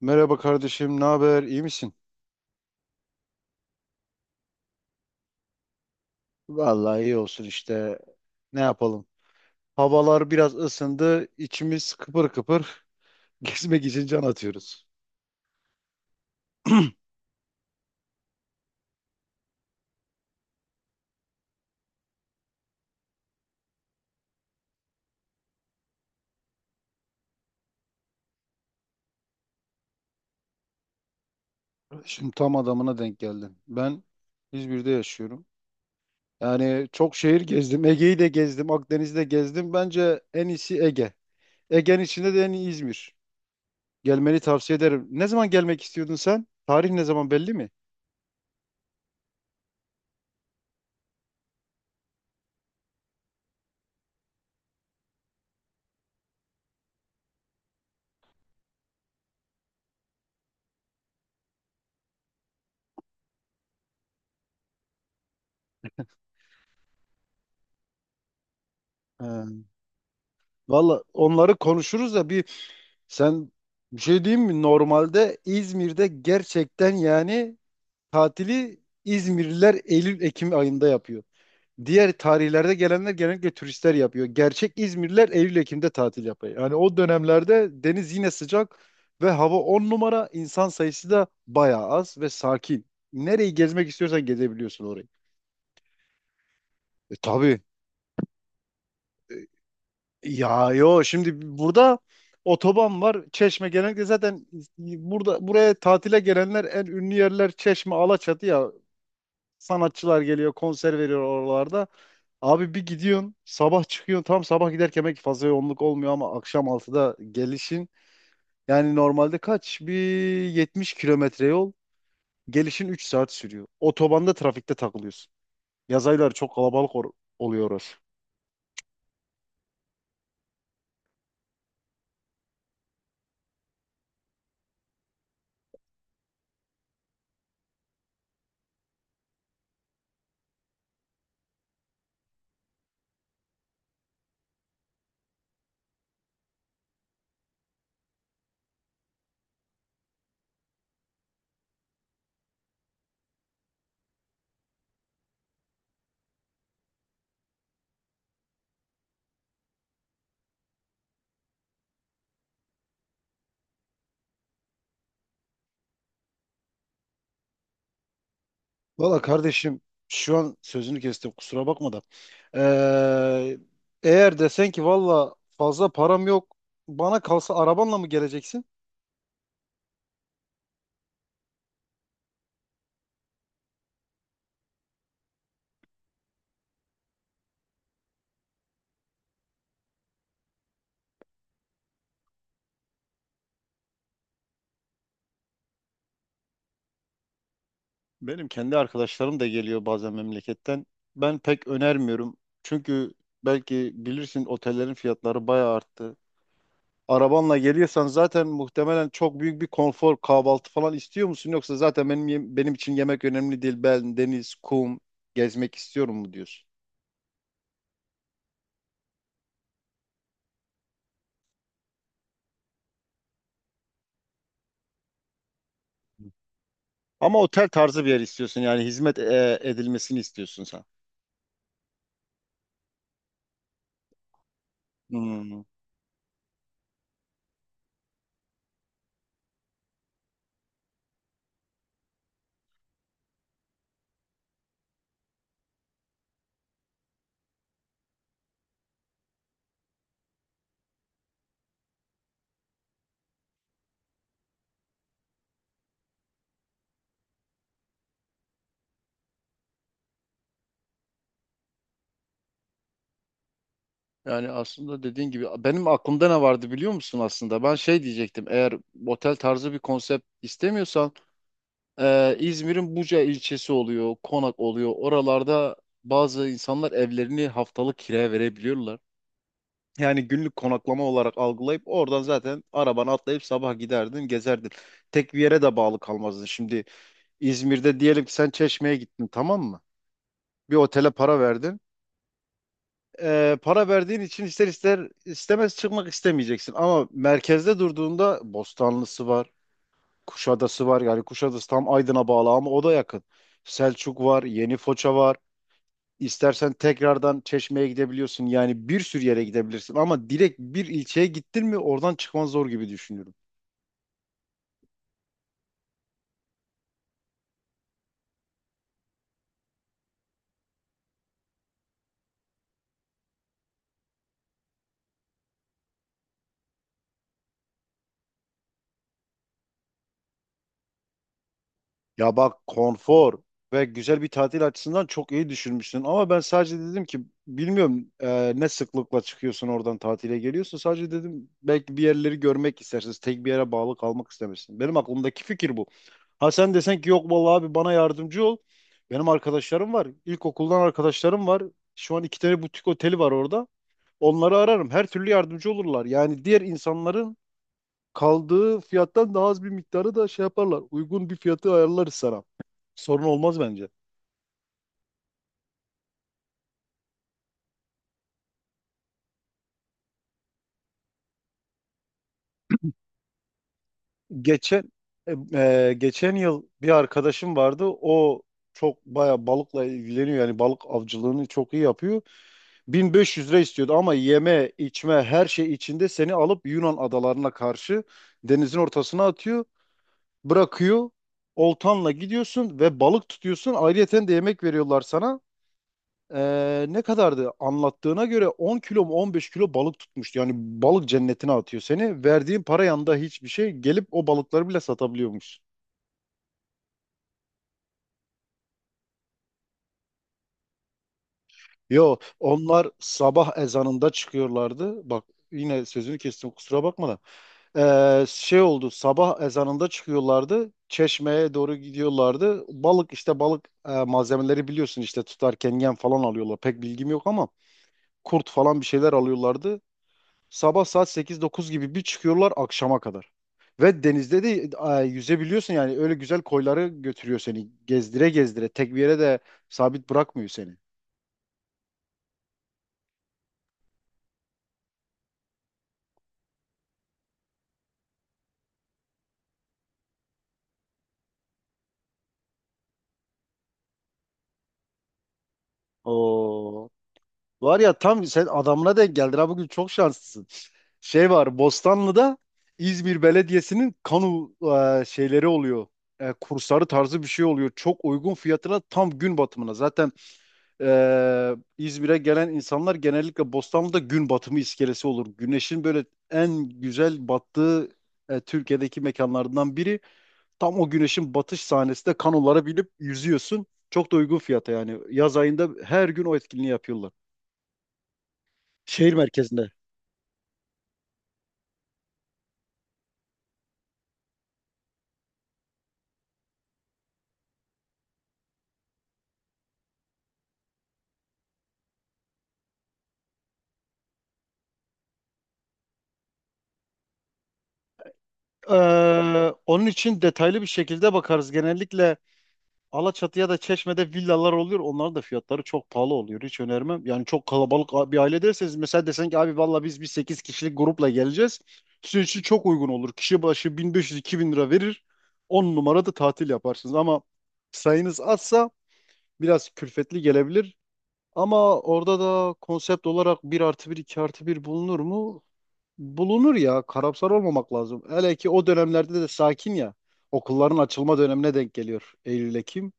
Merhaba kardeşim, ne haber? İyi misin? Vallahi iyi olsun işte. Ne yapalım? Havalar biraz ısındı, içimiz kıpır kıpır. Gezmek için can atıyoruz. Şimdi tam adamına denk geldin. Ben İzmir'de yaşıyorum. Yani çok şehir gezdim. Ege'yi de gezdim, Akdeniz'i de gezdim. Bence en iyisi Ege. Ege'nin içinde de en iyi İzmir. Gelmeni tavsiye ederim. Ne zaman gelmek istiyordun sen? Tarih ne zaman belli mi? Ee, Valla onları konuşuruz da Sen bir şey diyeyim mi? Normalde İzmir'de gerçekten yani tatili İzmirliler Eylül-Ekim ayında yapıyor. Diğer tarihlerde gelenler genellikle turistler yapıyor. Gerçek İzmirliler Eylül-Ekim'de tatil yapıyor. Yani o dönemlerde deniz yine sıcak ve hava 10 numara, insan sayısı da bayağı az ve sakin. Nereyi gezmek istiyorsan gezebiliyorsun orayı. Tabii. Ya, yo, şimdi burada otoban var. Çeşme genellikle zaten burada buraya tatile gelenler en ünlü yerler Çeşme, Alaçatı ya. Sanatçılar geliyor, konser veriyor oralarda. Abi bir gidiyorsun, sabah çıkıyorsun. Tam sabah giderken belki fazla yoğunluk olmuyor ama akşam 6'da gelişin. Yani normalde kaç? Bir 70 kilometre yol. Gelişin 3 saat sürüyor. Otobanda trafikte takılıyorsun. Yaz ayları çok kalabalık oluyor orası. Valla kardeşim şu an sözünü kestim kusura bakma da. Ee, Eğer desen ki valla fazla param yok, bana kalsa arabanla mı geleceksin? Benim kendi arkadaşlarım da geliyor bazen memleketten. Ben pek önermiyorum. Çünkü belki bilirsin otellerin fiyatları bayağı arttı. Arabanla geliyorsan zaten muhtemelen çok büyük bir konfor, kahvaltı falan istiyor musun? Yoksa zaten benim benim için yemek önemli değil. Ben deniz, kum, gezmek istiyorum mu diyorsun? Ama otel tarzı bir yer istiyorsun, yani hizmet edilmesini istiyorsun sen. Hmm. Yani aslında dediğin gibi benim aklımda ne vardı biliyor musun aslında? Ben şey diyecektim, eğer otel tarzı bir konsept istemiyorsan İzmir'in Buca ilçesi oluyor, Konak oluyor. Oralarda bazı insanlar evlerini haftalık kiraya verebiliyorlar. Yani günlük konaklama olarak algılayıp oradan zaten arabana atlayıp sabah giderdin, gezerdin. Tek bir yere de bağlı kalmazdın. Şimdi İzmir'de diyelim ki sen Çeşme'ye gittin, tamam mı? Bir otele para verdin. Para verdiğin için ister istemez çıkmak istemeyeceksin. Ama merkezde durduğunda Bostanlısı var, Kuşadası var. Yani Kuşadası tam Aydın'a bağlı ama o da yakın. Selçuk var, Yeni Foça var. İstersen tekrardan Çeşme'ye gidebiliyorsun. Yani bir sürü yere gidebilirsin. Ama direkt bir ilçeye gittin mi oradan çıkman zor gibi düşünüyorum. Ya bak, konfor ve güzel bir tatil açısından çok iyi düşünmüşsün. Ama ben sadece dedim ki bilmiyorum, ne sıklıkla çıkıyorsun oradan tatile geliyorsun. Sadece dedim belki bir yerleri görmek istersiniz. Tek bir yere bağlı kalmak istemezsin. Benim aklımdaki fikir bu. Ha sen desen ki yok vallahi abi bana yardımcı ol. Benim arkadaşlarım var. İlkokuldan arkadaşlarım var. Şu an iki tane butik oteli var orada. Onları ararım. Her türlü yardımcı olurlar. Yani diğer insanların kaldığı fiyattan daha az bir miktarı da şey yaparlar. Uygun bir fiyatı ayarlarız sana. Sorun olmaz bence. Geçen geçen yıl bir arkadaşım vardı. O çok baya balıkla ilgileniyor. Yani balık avcılığını çok iyi yapıyor. 1500 lira istiyordu ama yeme, içme her şey içinde seni alıp Yunan adalarına karşı denizin ortasına atıyor, bırakıyor. Oltanla gidiyorsun ve balık tutuyorsun. Ayrıyeten de yemek veriyorlar sana. Ne kadardı? Anlattığına göre 10 kilo mu 15 kilo balık tutmuş. Yani balık cennetine atıyor seni. Verdiğin para yanında hiçbir şey, gelip o balıkları bile satabiliyormuş. Yo, onlar sabah ezanında çıkıyorlardı. Bak, yine sözünü kestim kusura bakma da. Şey oldu, sabah ezanında çıkıyorlardı. Çeşmeye doğru gidiyorlardı. Balık işte balık malzemeleri biliyorsun işte, tutarken yem falan alıyorlar. Pek bilgim yok ama kurt falan bir şeyler alıyorlardı. Sabah saat sekiz dokuz gibi bir çıkıyorlar, akşama kadar. Ve denizde de yüzebiliyorsun yani, öyle güzel koyları götürüyor seni. Gezdire gezdire tek bir yere de sabit bırakmıyor seni. Oo. Var ya, tam sen adamına denk geldin, ha bugün çok şanslısın. Şey var, Bostanlı'da İzmir Belediyesi'nin şeyleri oluyor. Kursları tarzı bir şey oluyor. Çok uygun fiyatına, tam gün batımına. Zaten İzmir'e gelen insanlar genellikle Bostanlı'da gün batımı iskelesi olur. Güneşin böyle en güzel battığı Türkiye'deki mekanlardan biri. Tam o güneşin batış sahnesinde kanolara binip yüzüyorsun. Çok da uygun fiyata yani. Yaz ayında her gün o etkinliği yapıyorlar. Şehir merkezinde. Ee, Onun için detaylı bir şekilde bakarız. Genellikle Alaçatı'ya da Çeşme'de villalar oluyor. Onların da fiyatları çok pahalı oluyor. Hiç önermem. Yani çok kalabalık bir aile derseniz, mesela desen ki abi valla biz bir 8 kişilik grupla geleceğiz. Sizin için çok uygun olur. Kişi başı 1500-2000 lira verir. 10 numarada tatil yaparsınız. Ama sayınız azsa biraz külfetli gelebilir. Ama orada da konsept olarak bir artı bir, 2 artı bir bulunur mu? Bulunur ya. Karamsar olmamak lazım. Hele ki o dönemlerde de sakin ya. Okulların açılma dönemine denk geliyor. Eylül, Ekim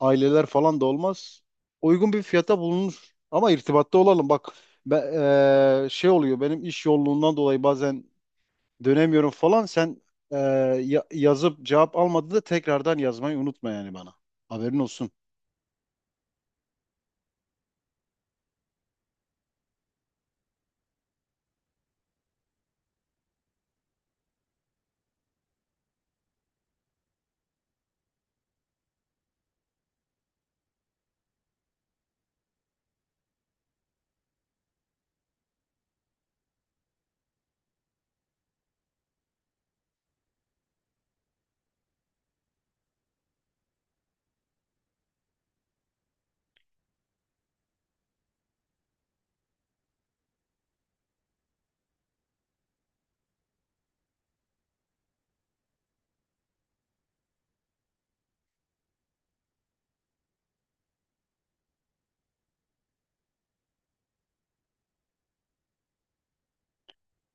aileler falan da olmaz. Uygun bir fiyata bulunur. Ama irtibatta olalım. Bak ben, şey oluyor, benim iş yoğunluğundan dolayı bazen dönemiyorum falan. Sen eee, yazıp cevap almadığında tekrardan yazmayı unutma yani bana. Haberin olsun.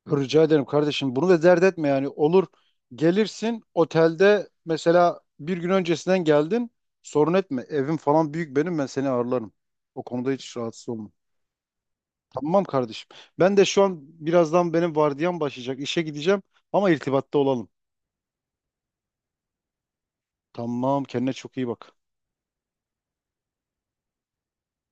Rica ederim kardeşim. Bunu da dert etme yani. Olur gelirsin, otelde mesela bir gün öncesinden geldin. Sorun etme. Evim falan büyük benim, ben seni ağırlarım. O konuda hiç rahatsız olma. Tamam kardeşim. Ben de şu an birazdan benim vardiyam başlayacak. İşe gideceğim ama irtibatta olalım. Tamam, kendine çok iyi bak.